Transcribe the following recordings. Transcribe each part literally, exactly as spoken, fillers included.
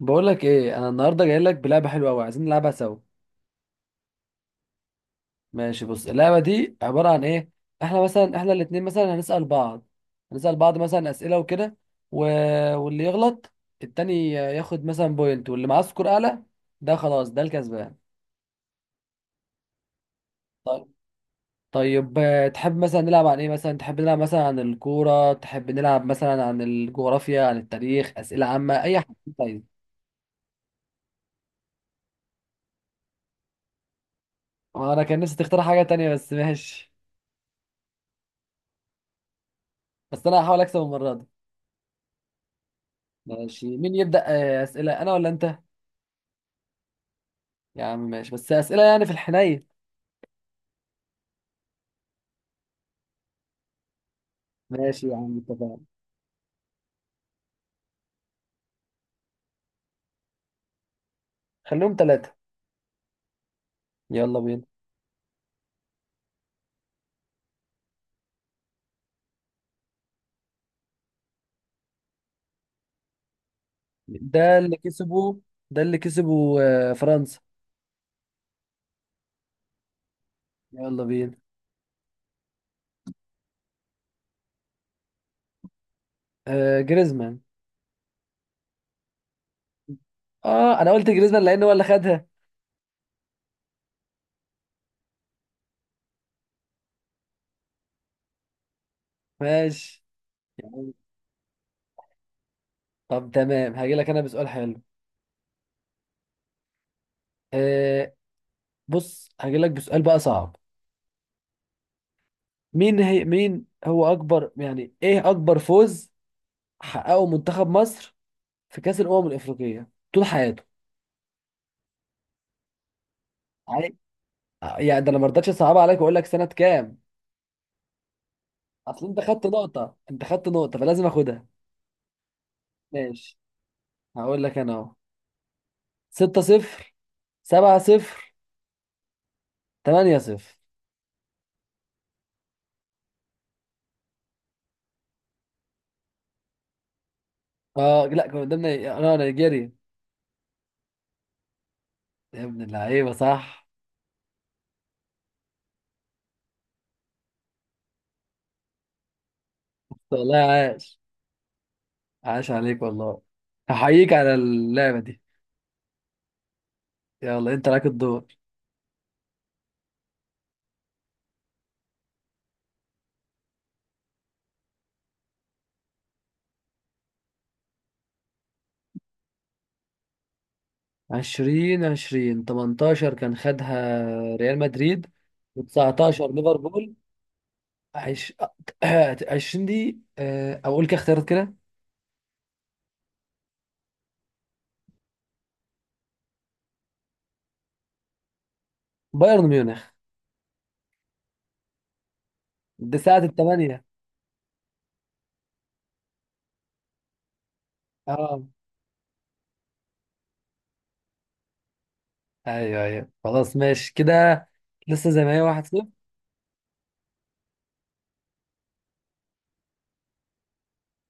بقول لك ايه، انا النهارده جاي لك بلعبه حلوه قوي، عايزين نلعبها سوا. ماشي، بص، اللعبه دي عباره عن ايه؟ احنا مثلا احنا الاتنين مثلا هنسال بعض هنسال بعض مثلا اسئله وكده. و... واللي يغلط التاني ياخد مثلا بوينت، واللي معاه سكور اعلى، ده خلاص ده الكسبان. طيب. طيب، آه، تحب مثلا نلعب عن ايه؟ مثلا تحب نلعب مثلا عن الكوره، تحب نلعب مثلا عن الجغرافيا، عن التاريخ، اسئله عامه، اي حاجه؟ طيب. انا كان نفسي تختار حاجه تانية، بس ماشي. بس انا هحاول اكسب المره دي. ماشي، مين يبدأ؟ آه، أسئلة أنا ولا أنت؟ يا عم ماشي، بس أسئلة يعني في الحنين. ماشي يا عم، اتفقنا. خليهم ثلاثة. يلا بينا. ده اللي كسبه ده اللي كسبه آه، فرنسا. يلا بينا. آه جريزمان. اه، انا قلت جريزمان لان هو اللي خدها. ماشي يا عم. طب تمام، هاجي لك انا بسؤال حلو. آه بص، هاجي لك بسؤال بقى صعب. مين هي مين هو اكبر، يعني ايه اكبر فوز حققه منتخب مصر في كأس الأمم الأفريقية طول حياته؟ يعني ده انا ما رضيتش اصعب عليك واقول لك سنه كام. اصل انت خدت نقطه انت خدت نقطه فلازم اخدها. ماشي، هقول لك انا اهو، ستة صفر، سبعة صفر، ثمانية صفر. اه، لا، كان قدامنا، انا نيجيريا. يا ابن اللعيبه صح. والله عاش. عاش عليك والله. احييك على اللعبه دي. يلا انت لك الدور. عشرين عشرين تمنتاشر كان خدها ريال مدريد، و19 ليفربول. عش... عشرين دي، آه، اقول كده اختيارات كده. بايرن ميونخ. دي ساعة الثمانية. اه، ايوه، ايوه، خلاص ماشي كده. لسه زي ما هي. واحد صفر.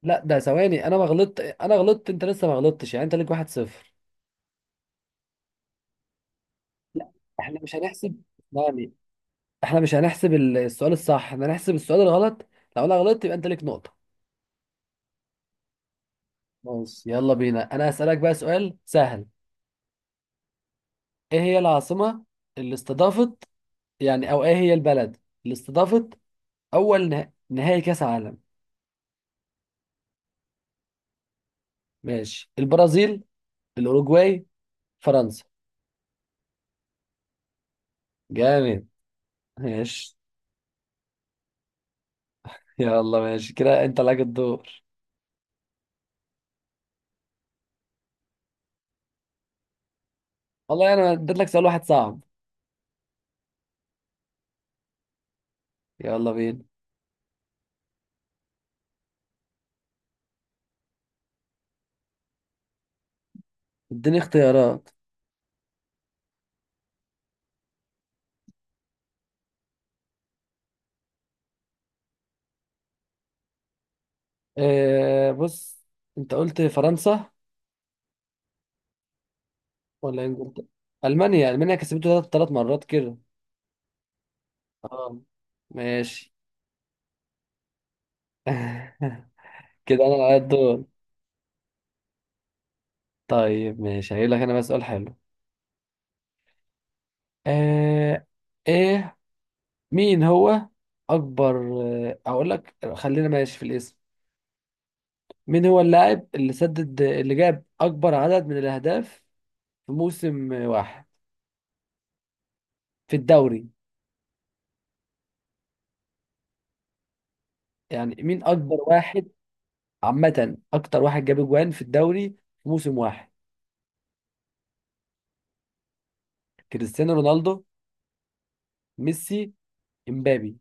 لا، ده ثواني، انا ما غلطت انا غلطت، انت لسه ما غلطتش، يعني انت ليك واحد صفر. لا، احنا مش هنحسب يعني احنا مش هنحسب ال- السؤال الصح، احنا هنحسب السؤال الغلط. لو انا غلطت يبقى انت ليك نقطة. ماشي يلا بينا، انا هسألك بقى سؤال سهل. ايه هي العاصمة اللي استضافت، يعني، او ايه هي البلد اللي استضافت اول نه... نهائي كأس عالم؟ ماشي، البرازيل، الاوروجواي، فرنسا. جامد. ماشي. يلا ماشي كده، انت لك الدور. والله انا اديت لك سؤال واحد صعب. يلا بينا. اديني اختيارات. اه، بص، انت قلت فرنسا، ولا انجلترا. المانيا، المانيا كسبته ثلاث مرات كده. اه. ماشي. كده انا على الدور. طيب ماشي، هجيب لك انا بقى سؤال حلو. آه ايه، مين هو اكبر آه، اقول لك خلينا ماشي في الاسم. مين هو اللاعب اللي سدد اللي جاب أكبر عدد من الأهداف في موسم واحد في الدوري؟ يعني مين أكبر واحد؟ عامة أكتر واحد جاب أجوان في الدوري في موسم واحد. كريستيانو رونالدو، ميسي، إمبابي.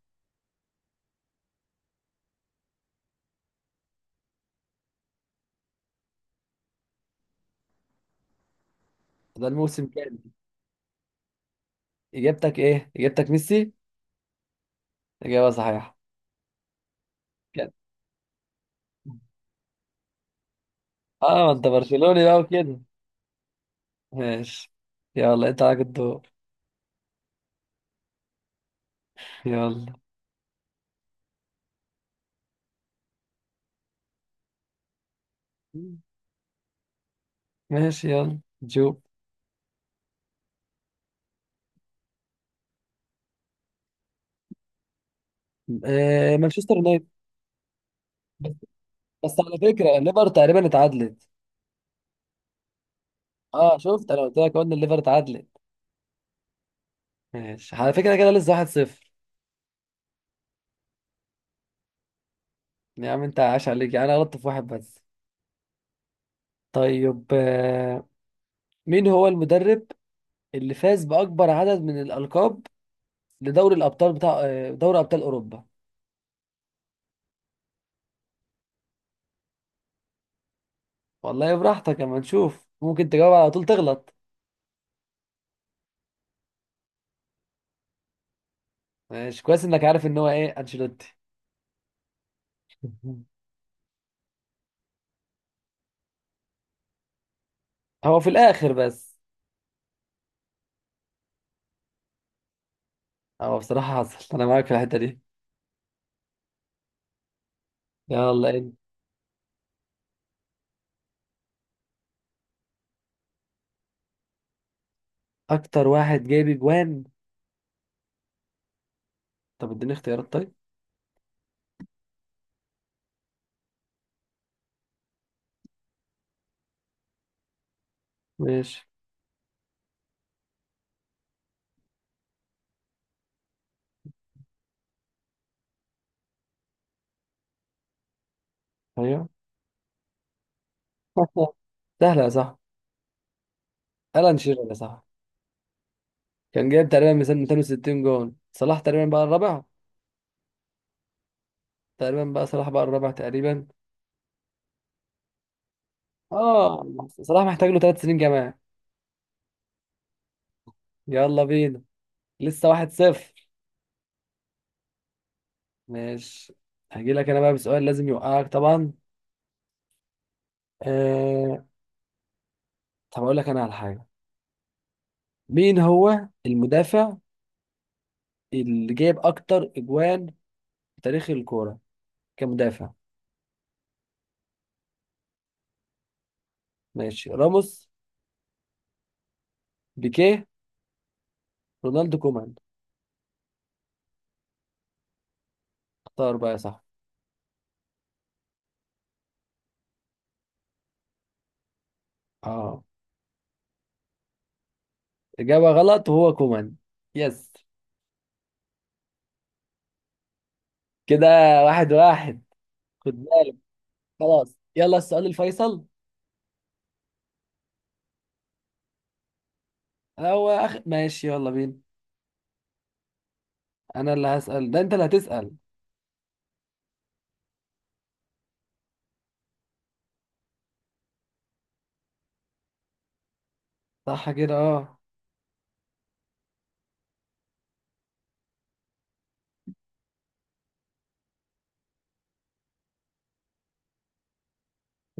ده الموسم كام؟ إجابتك إيه إجابتك ميسي؟ إجابة صحيحة. كده. آه، ما أنت برشلوني بقى وكده. ماشي. يلا أنت عليك الدور. يلا. ماشي يلا جو. آه، مانشستر يونايتد. بس على فكره، الليفر تقريبا اتعادلت. اه شفت، انا قلت لك، قلنا الليفر اتعادلت. ماشي على فكره كده، لسه واحد صفر. يا عم انت عاش عليك، يعني انا غلطت في واحد بس. طيب، آه، مين هو المدرب اللي فاز باكبر عدد من الالقاب لدوري الابطال بتاع، آه، دوري ابطال اوروبا؟ والله براحتك، اما نشوف ممكن تجاوب على طول تغلط. ماشي، كويس انك عارف ان هو ايه، انشيلوتي. هو في الاخر بس. هو بصراحه حصل، انا معاك في الحته دي. يلا انت. اكتر واحد جايب اجوان؟ طب اديني اختيارات طيب. ماشي. ايوه. سهلة يا صاحبي. ألان شيرر يا صاحبي. كان جايب تقريبا مثلا مئتين وستين جون. صلاح تقريبا بقى الرابع. تقريبا بقى صلاح بقى الرابع تقريبا. اه، صلاح محتاج له ثلاث سنين كمان. يلا بينا. لسه واحد صفر. ماشي، هجي لك انا بقى بسؤال لازم يوقعك طبعا. آه... طب اقول لك انا على حاجة. مين هو المدافع اللي جايب اكتر اجوان في تاريخ الكورة كمدافع؟ ماشي، راموس، بيكيه، رونالدو كومان. اختار بقى يا صاحبي. اه. إجابة غلط، وهو كومان. يس. كده، واحد واحد، خد بالك. خلاص، يلا السؤال الفيصل. هو أخ... ماشي يلا بينا. أنا اللي هسأل، ده أنت اللي هتسأل. صح كده، أه.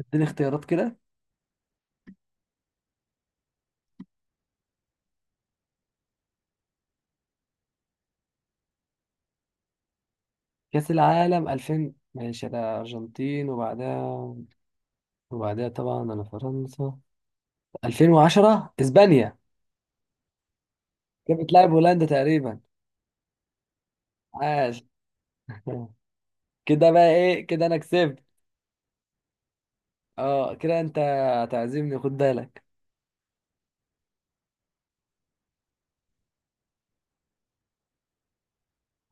اديني اختيارات كده. كأس العالم ألفين، ماشي أنا أرجنتين، وبعدها وبعدها طبعا أنا فرنسا. الفين وعشرة إسبانيا. كانت بتلعب هولندا تقريبا. عاش. كده بقى إيه، كده أنا كسبت. أه، كده أنت هتعزمني، خد بالك.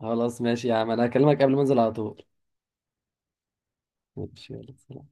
خلاص ماشي يا عم، أنا هكلمك قبل ما أنزل على طول. ماشي، يلا.